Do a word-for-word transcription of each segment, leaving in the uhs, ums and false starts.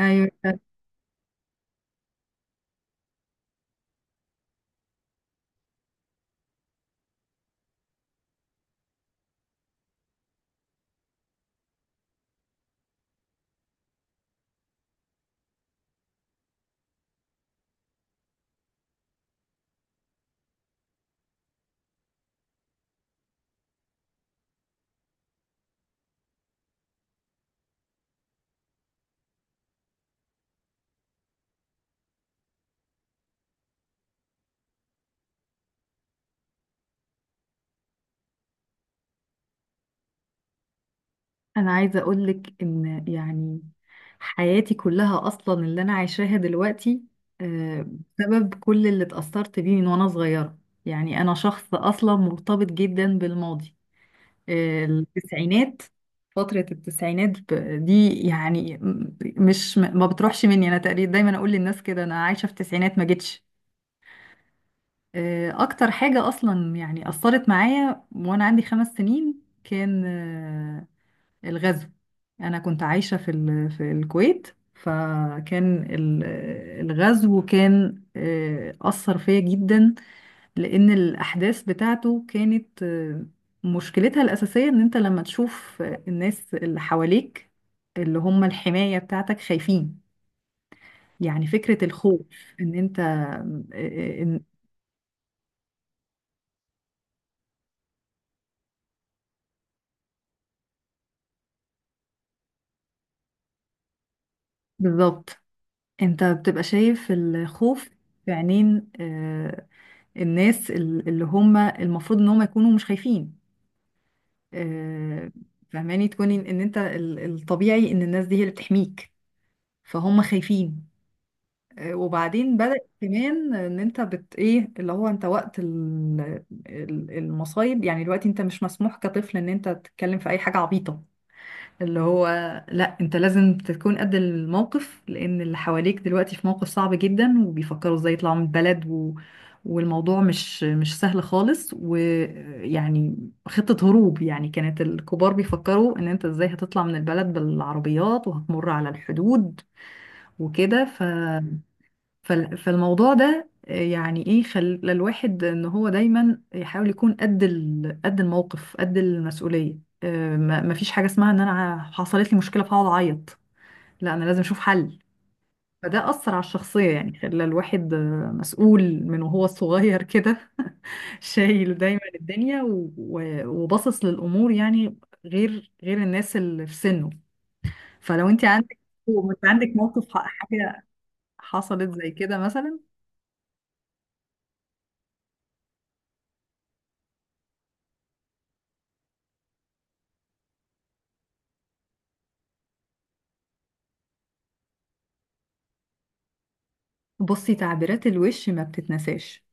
ايوه، انا عايزه اقول لك ان يعني حياتي كلها اصلا اللي انا عايشاها دلوقتي، آه، بسبب كل اللي اتأثرت بيه من وانا صغيره. يعني انا شخص اصلا مرتبط جدا بالماضي، آه، التسعينات، فتره التسعينات، ب- دي يعني م- مش م- ما بتروحش مني. انا تقريبا دايما اقول للناس كده انا عايشه في التسعينات، ما جتش. آه، اكتر حاجه اصلا يعني اثرت معايا وانا عندي خمس سنين كان آه، الغزو. أنا كنت عايشة في ال... في الكويت. فكان ال- الغزو كان، آه، أثر فيا جدا، لأن الأحداث بتاعته كانت، آه، مشكلتها الأساسية إن أنت لما تشوف، آه، الناس اللي حواليك، اللي هم الحماية بتاعتك، خايفين. يعني فكرة الخوف، إن أنت، آه، آه، إن- بالظبط، أنت بتبقى شايف الخوف في عينين، آه، الناس، ال- اللي هم المفروض إن هم يكونوا مش خايفين. آه، فهماني تكوني ان إن انت، ال- الطبيعي ان الناس دي هي اللي بتحميك، فهم خايفين. آه، وبعدين بدأ كمان ان انت بت ايه اللي هو انت وقت ال- ال- المصايب. يعني دلوقتي انت مش مسموح كطفل ان انت تتكلم في اي حاجة عبيطة، اللي هو لا، انت لازم تكون قد الموقف، لان اللي حواليك دلوقتي في موقف صعب جدا، وبيفكروا ازاي يطلعوا من البلد و... والموضوع مش مش سهل خالص، ويعني خطة هروب. يعني كانت الكبار بيفكروا ان انت ازاي هتطلع من البلد بالعربيات، وهتمر على الحدود وكده. فال- فالموضوع ده، آه، يعني ايه، خلى الواحد ان هو دايما يحاول يكون قد ال- قد الموقف، قد المسؤوليه. آه، ما ما فيش حاجه اسمها ان انا ع- حصلت لي مشكله فهقعد اعيط. لا، انا لازم اشوف حل. فده اثر على الشخصيه، يعني خلى الواحد، آه، مسؤول من وهو صغير كده. شايل دايما الدنيا، و- و- وباصص للامور، يعني غير غير الناس اللي في سنه. فلو انت عندك، وانت عندك موقف، ح- حاجه حصلت زي كده مثلا. بصي، تعبيرات الوش ما بتتنساش.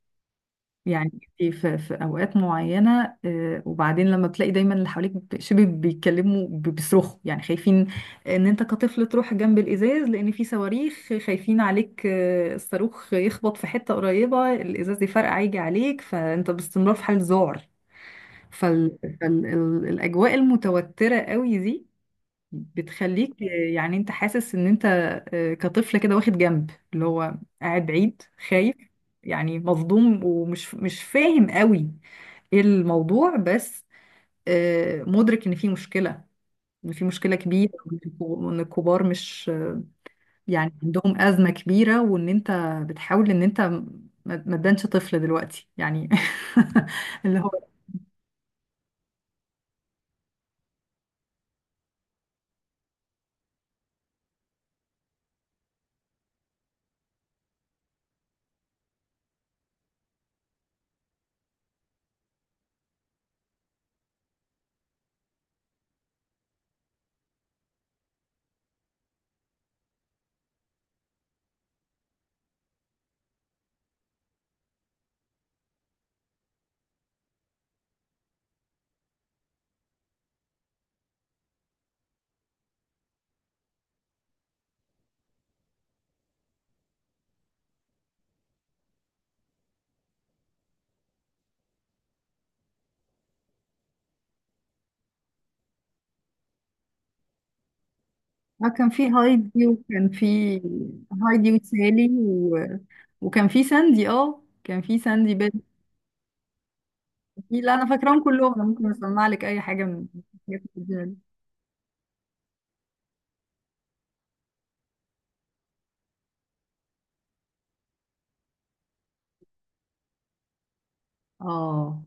يعني انت في, في اوقات معينه، آه، وبعدين لما بتلاقي دايما اللي حواليك ب- شبه بيتكلموا، ب- بيصرخوا، يعني خايفين ان انت كطفل تروح جنب الازاز لان في صواريخ. خايفين عليك، آه، الصاروخ يخبط في حته قريبه، الازاز يفرقع يجي عليك، فانت باستمرار في حال ذعر. فالاجواء المتوتره قوي دي بتخليك، يعني انت حاسس ان انت، آه، كطفل كده واخد جنب اللي هو قاعد بعيد، خايف، يعني مصدوم، ومش مش فاهم قوي ايه الموضوع. بس آه، مدرك ان في مشكلة ان في مشكلة كبيرة، وان الكو- وإن الكبار مش، يعني عندهم أزمة كبيرة، وان انت بتحاول ان انت ما ما تبانش طفل دلوقتي، يعني. اللي هو. اه، كان في هايدي، وكان في هايدي وسالي، و... وكان في ساندي اه كان في ساندي بنت دي. لا، انا فاكراهم كلهم. انا ممكن اسمع لك اي حاجه من الحاجات القديمة دي. اه.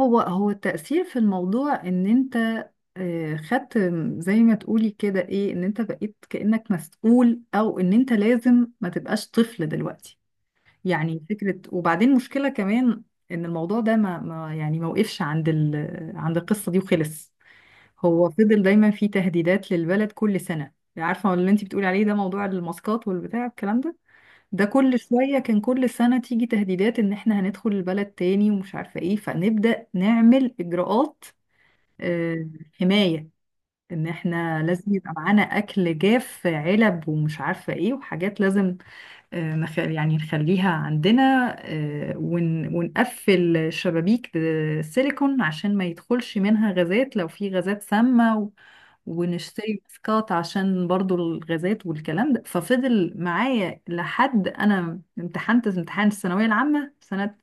هو هو التأثير في الموضوع، ان انت، آه، خدت زي ما تقولي كده، ايه، ان انت بقيت كأنك مسؤول، او ان انت لازم ما تبقاش طفل دلوقتي. يعني فكرة. وبعدين مشكلة كمان، ان الموضوع ده ما, ما يعني ما وقفش عند، ال... عند القصة دي وخلص. هو فضل دايما في تهديدات للبلد كل سنة. عارفة اللي انت بتقولي عليه ده، موضوع الماسكات والبتاع، الكلام ده، ده كل شوية كان، كل سنة تيجي تهديدات ان احنا هندخل البلد تاني، ومش عارفة ايه، فنبدأ نعمل اجراءات، آه، حماية. ان احنا لازم يبقى معانا اكل جاف، علب، ومش عارفة ايه، وحاجات لازم، آه، نخ- يعني نخليها عندنا، آه، ون- ونقفل شبابيك سيليكون عشان ما يدخلش منها غازات لو في غازات سامة، و- ونشتري ماسكات عشان برضو الغازات والكلام ده. ففضل معايا لحد انا امتحنت امتحان الثانوية العامة سنة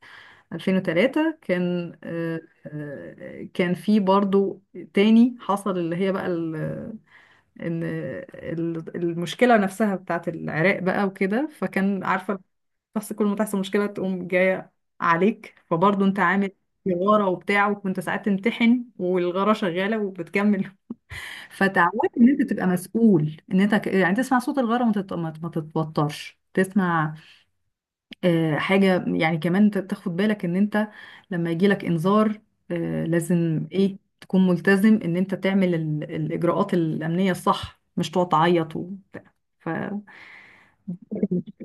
ألفين وثلاثة. كان آه، آه، كان في برضو تاني حصل، اللي هي بقى ان ال- المشكله نفسها بتاعت العراق بقى وكده، فكان عارفه. بس كل ما تحصل مشكله تقوم جايه عليك، فبرضه انت عامل غاره وبتاع، وكنت ساعات تمتحن والغاره شغاله وبتكمل. فتعودت ان انت تبقى مسؤول، ان انت، ك- يعني تسمع صوت الغاره وما تت- ما ما تتوترش، تسمع، آه، حاجة. يعني كمان انت تاخد بالك ان انت لما يجيلك انذار، آه، لازم ايه تكون ملتزم ان انت تعمل ال- الاجراءات الامنية الصح، مش تقعد تعيط وبتاع. ف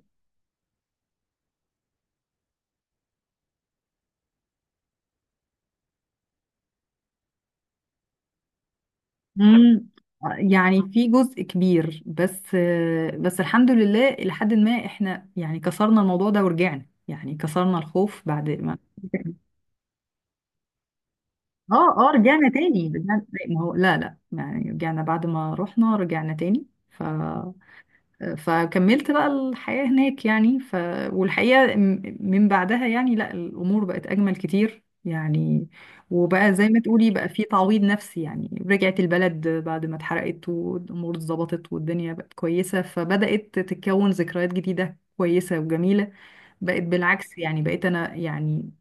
مم، يعني في جزء كبير، بس آه، بس الحمد لله الى حد ما احنا يعني كسرنا الموضوع ده ورجعنا. يعني كسرنا الخوف بعد ما. اه اه، رجعنا تاني. رجعنا، ما هو لا لا، يعني رجعنا بعد ما رحنا. رجعنا تاني. ف فكملت بقى الحياة هناك، يعني. ف... والحقيقة م- من بعدها، يعني لا، الأمور بقت أجمل كتير، يعني وبقى زي ما تقولي بقى في تعويض نفسي. يعني رجعت البلد بعد ما اتحرقت، والأمور اتظبطت، والدنيا بقت كويسة، فبدأت تتكون ذكريات جديدة كويسة وجميلة. بقت بالعكس، يعني بقيت انا، يعني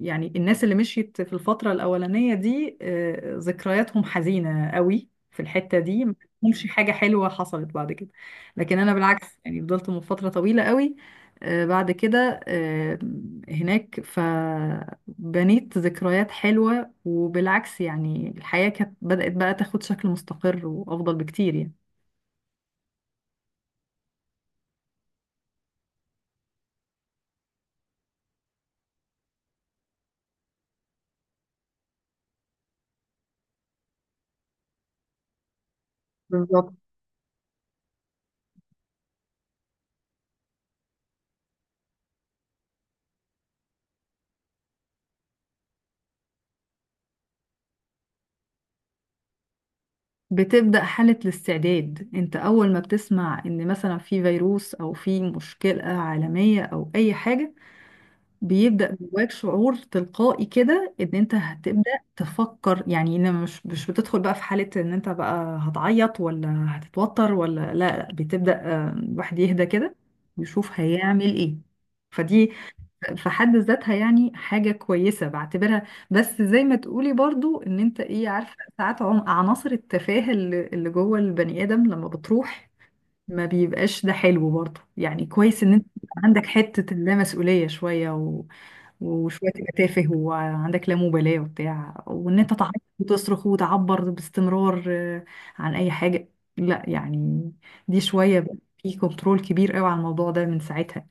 يعني الناس اللي مشيت في الفترة الأولانية دي، آه، ذكرياتهم حزينة قوي في الحتة دي. مش حاجة حلوة حصلت بعد كده. لكن أنا بالعكس، يعني فضلت من فترة طويلة قوي، آه، بعد كده، آه، هناك، فبنيت ذكريات حلوة. وبالعكس، يعني الحياة كانت بدأت بقى تاخد شكل مستقر وأفضل بكتير، يعني. بالظبط، بتبدأ حالة الاستعداد انت اول ما بتسمع ان مثلا في فيروس، او في مشكلة عالمية، او اي حاجة، بيبدأ جواك شعور تلقائي كده، ان انت هتبدأ تفكر. يعني ان مش مش بتدخل بقى في حالة ان انت بقى هتعيط، ولا هتتوتر، ولا لا لا، بتبدأ، آه، الواحد يهدى كده ويشوف هيعمل ايه. فدي في حد ذاتها يعني حاجة كويسة بعتبرها. بس زي ما تقولي برضو، ان انت ايه، عارفة ساعات عم- عناصر التفاهة اللي اللي جوه البني ادم لما بتروح، ما بيبقاش ده حلو برضو. يعني كويس ان انت يبقى عندك حتة اللامسؤولية شوية، و... وشوية تبقى تافه، وعندك لا مبالاة وبتاع، وان انت تعيط وتصرخ وتعبر باستمرار، آه، عن اي حاجة. لا، يعني دي شوية بقى في كنترول كبير قوي على الموضوع ده من ساعتها.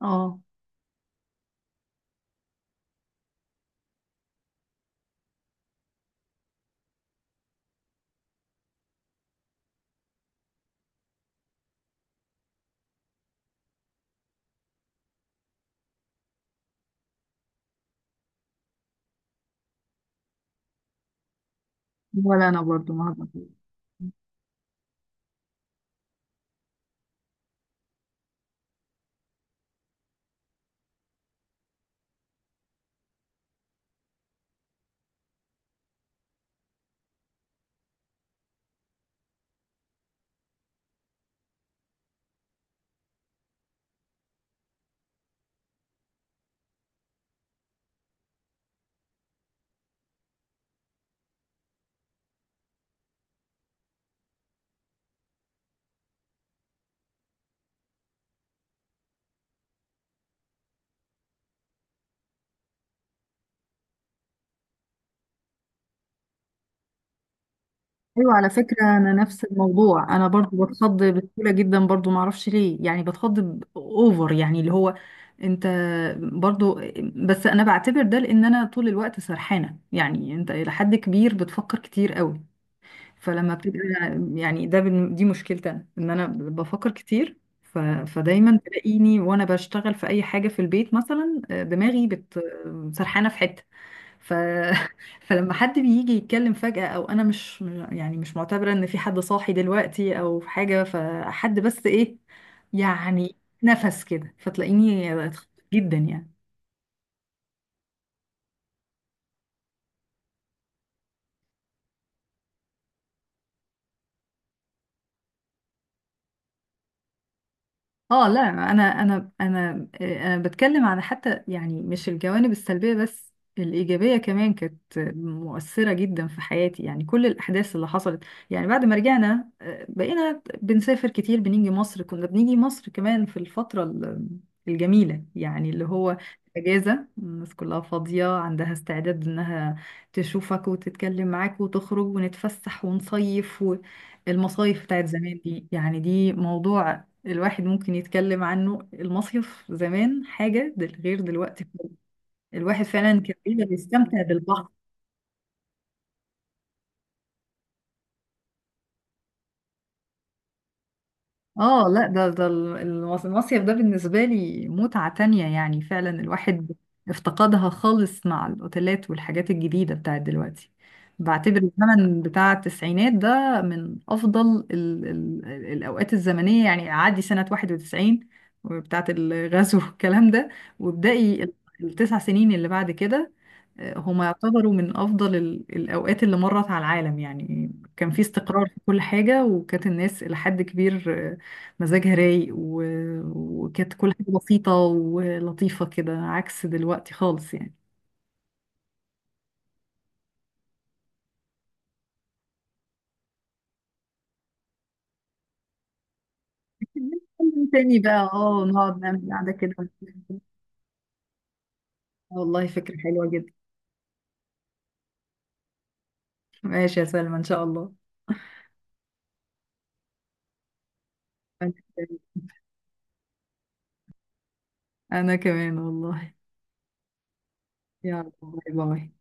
اه. ولا انا برضو ما هقدر. ايوه، على فكره، انا نفس الموضوع، انا برضو بتخض بسهوله جدا، برضو ما اعرفش ليه. يعني بتخض ب- اوفر، يعني اللي هو انت برضو. بس انا بعتبر ده لان انا طول الوقت سرحانه. يعني انت الى حد كبير بتفكر كتير قوي، فلما بتبقى، يعني ده بن- دي مشكلتي انا، ان انا بفكر كتير. ف... فدايما تلاقيني وانا بشتغل في اي حاجه في البيت مثلا، آه، دماغي بت سرحانه في حته. ف... فلما حد بيجي يتكلم فجأة، او انا مش يعني مش معتبرة ان في حد صاحي دلوقتي او في حاجة، فحد بس ايه، يعني نفس كده، فتلاقيني اتخضيت جدا، يعني. اه لا، انا انا انا آه، انا بتكلم عن حتى، يعني مش الجوانب السلبيه بس، الايجابيه كمان كانت مؤثره جدا في حياتي. يعني كل الاحداث اللي حصلت. يعني بعد ما رجعنا، آه، بقينا بنسافر كتير. بنيجي مصر، كنا بنيجي مصر كمان، في الفتره، ال- الجميله، يعني اللي هو اجازه. الناس كلها فاضيه، عندها استعداد انها تشوفك وتتكلم معاك وتخرج، ونتفسح ونصيف و... المصايف بتاعت زمان دي، يعني دي موضوع الواحد ممكن يتكلم عنه. المصيف زمان حاجة، دل- غير دلوقتي خالص. الواحد فعلا كان بيبقى بيستمتع بالبحر. اه لا، ده ده ال- المص- المصيف ده بالنسبة لي متعة تانية، يعني فعلا الواحد افتقدها خالص مع الأوتيلات والحاجات الجديدة بتاعت دلوقتي. بعتبر الزمن بتاع التسعينات ده من أفضل ال ال الأوقات الزمنية. يعني عادي سنة واحد وتسعين بتاعت الغزو والكلام ده، وابدأي ال- التسع سنين اللي بعد كده، آه، هما يعتبروا من أفضل ال- الأوقات اللي مرت على العالم. يعني كان في استقرار في كل حاجة، وكانت الناس إلى حد كبير مزاجها رايق، و... وكانت كل حاجة بسيطة ولطيفة كده، عكس دلوقتي خالص، يعني. نتكلم تاني بقى، اه، نقعد نعمل قعدة كده. والله فكرة حلوة جدا. ماشي يا سلمى، ان شاء الله. انا كمان، أنا كمان والله. يلا باي باي.